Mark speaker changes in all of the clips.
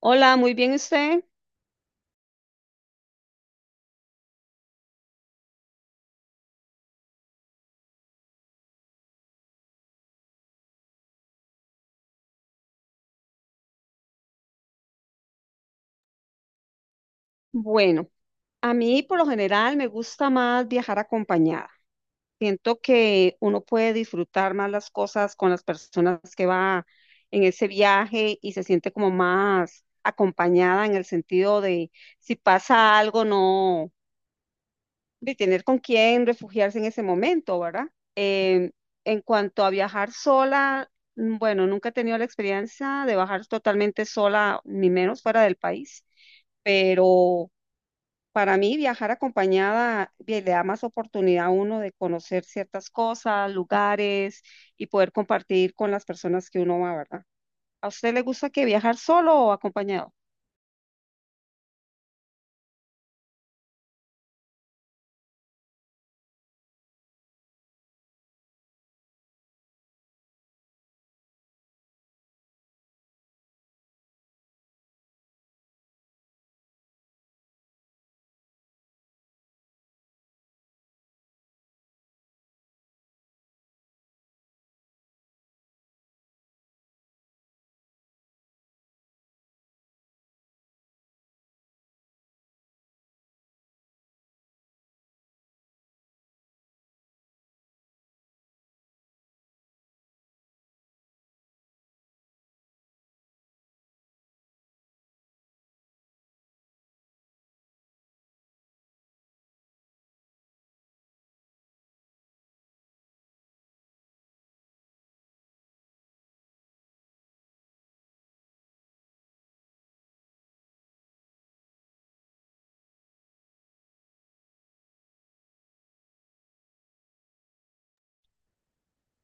Speaker 1: Hola, muy bien usted. Bueno, a mí por lo general me gusta más viajar acompañada. Siento que uno puede disfrutar más las cosas con las personas que va en ese viaje y se siente como más acompañada en el sentido de si pasa algo, no, de tener con quién refugiarse en ese momento, ¿verdad? Em, en cuanto a viajar sola, bueno, nunca he tenido la experiencia de bajar totalmente sola, ni menos fuera del país, pero para mí, viajar acompañada bien, le da más oportunidad a uno de conocer ciertas cosas, lugares y poder compartir con las personas que uno va, ¿verdad? ¿A usted le gusta que viajar solo o acompañado?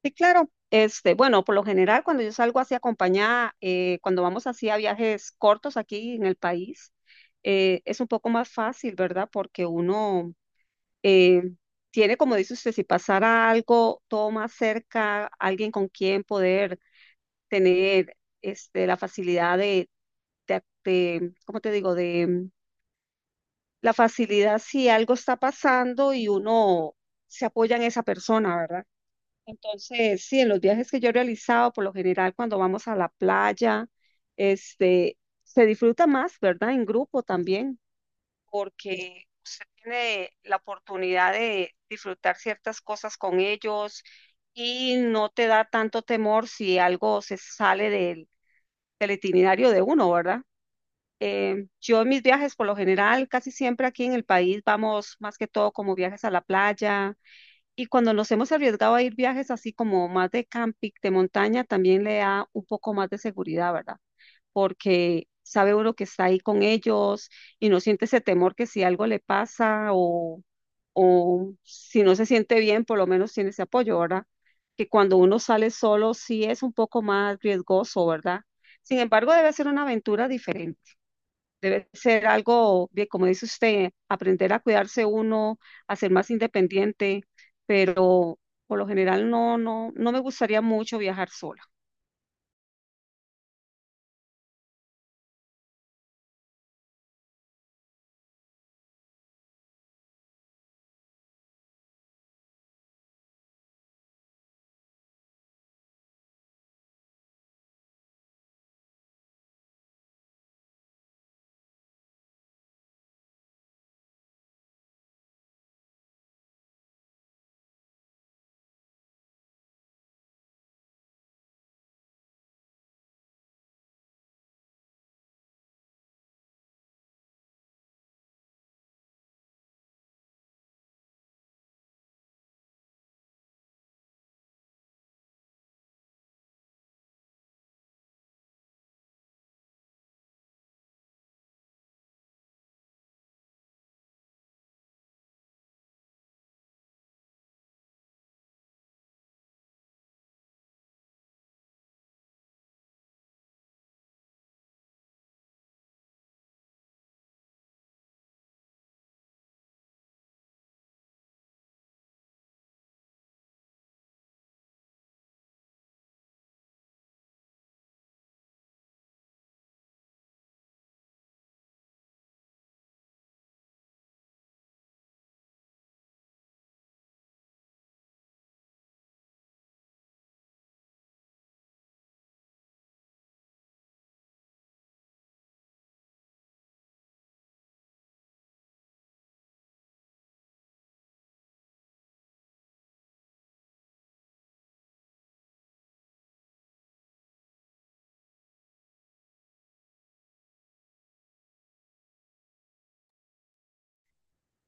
Speaker 1: Sí, claro. Este, bueno, por lo general, cuando yo salgo así acompañada, cuando vamos así a viajes cortos aquí en el país, es un poco más fácil, ¿verdad? Porque uno eh, tiene, como dice usted, si pasara algo, todo más cerca, alguien con quien poder tener este, la facilidad de, ¿cómo te digo? De la facilidad si algo está pasando y uno se apoya en esa persona, ¿verdad? Entonces, sí, en los viajes que yo he realizado, por lo general, cuando vamos a la playa, este, se disfruta más, ¿verdad? En grupo también, porque usted tiene la oportunidad de disfrutar ciertas cosas con ellos y no te da tanto temor si algo se sale del itinerario de uno, ¿verdad? Yo en mis viajes, por lo general, casi siempre aquí en el país vamos más que todo como viajes a la playa, y cuando nos hemos arriesgado a ir viajes así como más de camping, de montaña, también le da un poco más de seguridad, ¿verdad? Porque sabe uno que está ahí con ellos y no siente ese temor que si algo le pasa o si no se siente bien, por lo menos tiene ese apoyo, ¿verdad? Que cuando uno sale solo sí es un poco más riesgoso, ¿verdad? Sin embargo, debe ser una aventura diferente, debe ser algo, bien, como dice usted, aprender a cuidarse uno, a ser más independiente, pero por lo general no, no, no me gustaría mucho viajar sola.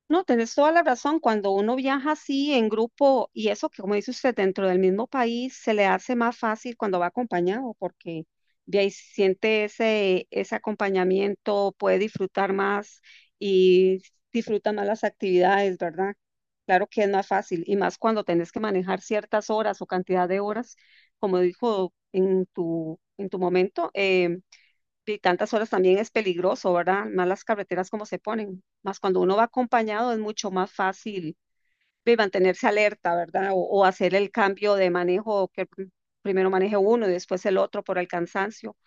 Speaker 1: No, tenés toda la razón. Cuando uno viaja así en grupo y eso que, como dice usted, dentro del mismo país, se le hace más fácil cuando va acompañado porque de ahí siente ese, ese acompañamiento, puede disfrutar más y disfruta más las actividades, ¿verdad? Claro que es más fácil y más cuando tenés que manejar ciertas horas o cantidad de horas, como dijo en tu momento. Y tantas horas también es peligroso, ¿verdad? Más las carreteras como se ponen. Más cuando uno va acompañado es mucho más fácil de mantenerse alerta, ¿verdad? O hacer el cambio de manejo, que primero maneje uno y después el otro por el cansancio.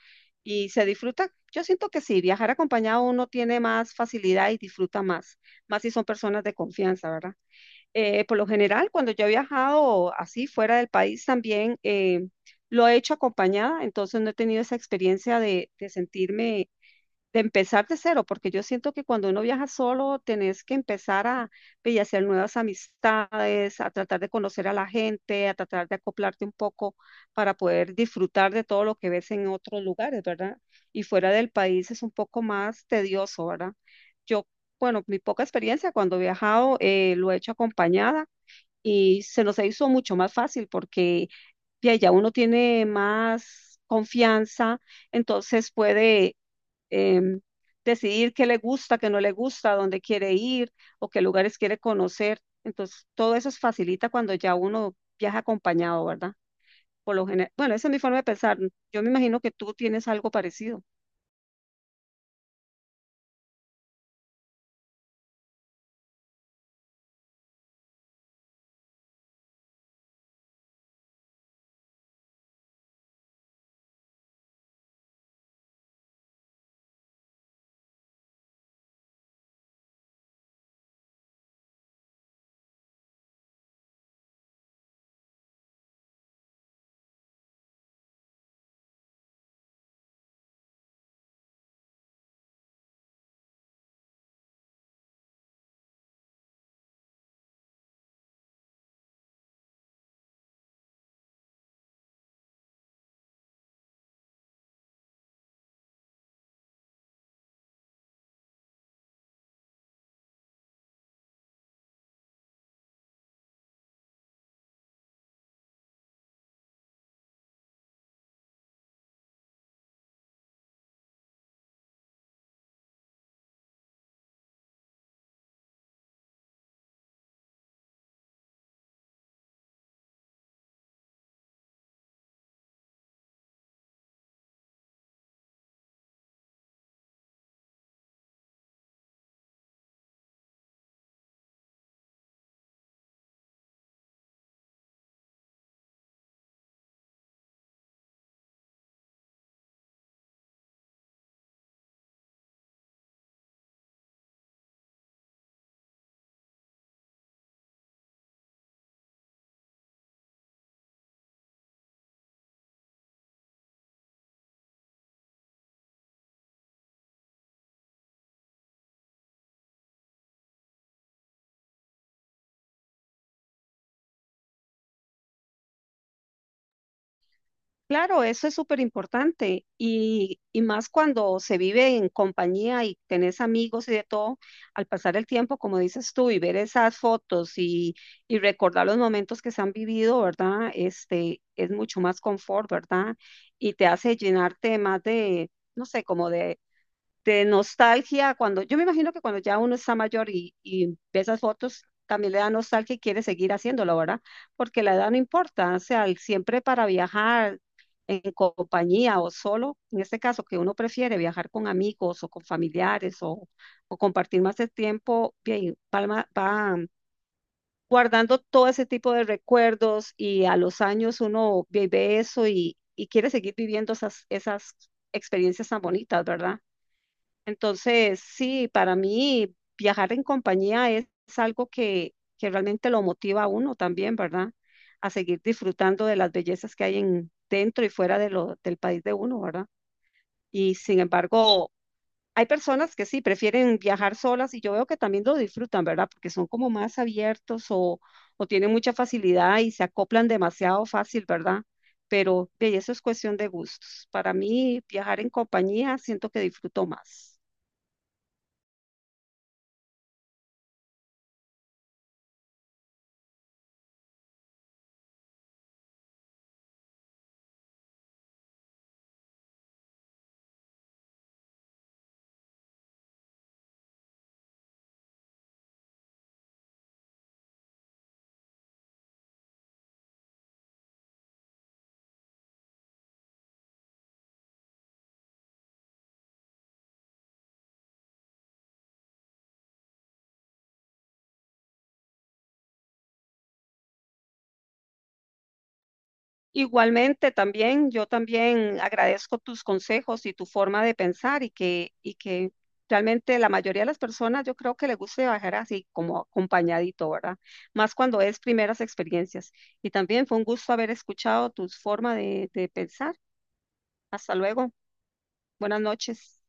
Speaker 1: Y se disfruta. Yo siento que sí, viajar acompañado uno tiene más facilidad y disfruta más, más si son personas de confianza, ¿verdad? Por lo general, cuando yo he viajado así fuera del país también, lo he hecho acompañada, entonces no he tenido esa experiencia de sentirme de empezar de cero, porque yo siento que cuando uno viaja solo, tenés que empezar a, ve, y hacer nuevas amistades, a tratar de conocer a la gente, a tratar de acoplarte un poco para poder disfrutar de todo lo que ves en otros lugares, ¿verdad? Y fuera del país es un poco más tedioso, ¿verdad? Yo, bueno, mi poca experiencia cuando he viajado, lo he hecho acompañada y se nos hizo mucho más fácil porque ya uno tiene más confianza, entonces puede em, decidir qué le gusta, qué no le gusta, dónde quiere ir o qué lugares quiere conocer. Entonces, todo eso se facilita cuando ya uno viaja acompañado, ¿verdad? Por lo general, bueno, esa es mi forma de pensar. Yo me imagino que tú tienes algo parecido. Claro, eso es súper importante y más cuando se vive en compañía y tenés amigos y de todo, al pasar el tiempo, como dices tú, y ver esas fotos y recordar los momentos que se han vivido, ¿verdad? Este, es mucho más confort, ¿verdad? Y te hace llenarte más de, no sé, como de nostalgia, cuando yo me imagino que cuando ya uno está mayor y ve esas fotos, también le da nostalgia y quiere seguir haciéndolo, ¿verdad? Porque la edad no importa, o sea, el- siempre para viajar en compañía o solo, en este caso que uno prefiere viajar con amigos o con familiares o compartir más el tiempo, bien, palma- va guardando todo ese tipo de recuerdos y a los años uno ve eso y quiere seguir viviendo esas, esas experiencias tan bonitas, ¿verdad? Entonces, sí, para mí viajar en compañía es algo que realmente lo motiva a uno también, ¿verdad? A seguir disfrutando de las bellezas que hay en, dentro y fuera de lo, del país de uno, ¿verdad? Y sin embargo, hay personas que sí prefieren viajar solas y yo veo que también lo disfrutan, ¿verdad? Porque son como más abiertos o tienen mucha facilidad y se acoplan demasiado fácil, ¿verdad? Pero de eso es cuestión de gustos. Para mí, viajar en compañía siento que disfruto más. Igualmente, también, yo también agradezco tus consejos y tu forma de pensar y que realmente la mayoría de las personas yo creo que les gusta viajar así como acompañadito, ¿verdad? Más cuando es primeras experiencias. Y también fue un gusto haber escuchado tu forma de pensar. Hasta luego. Buenas noches.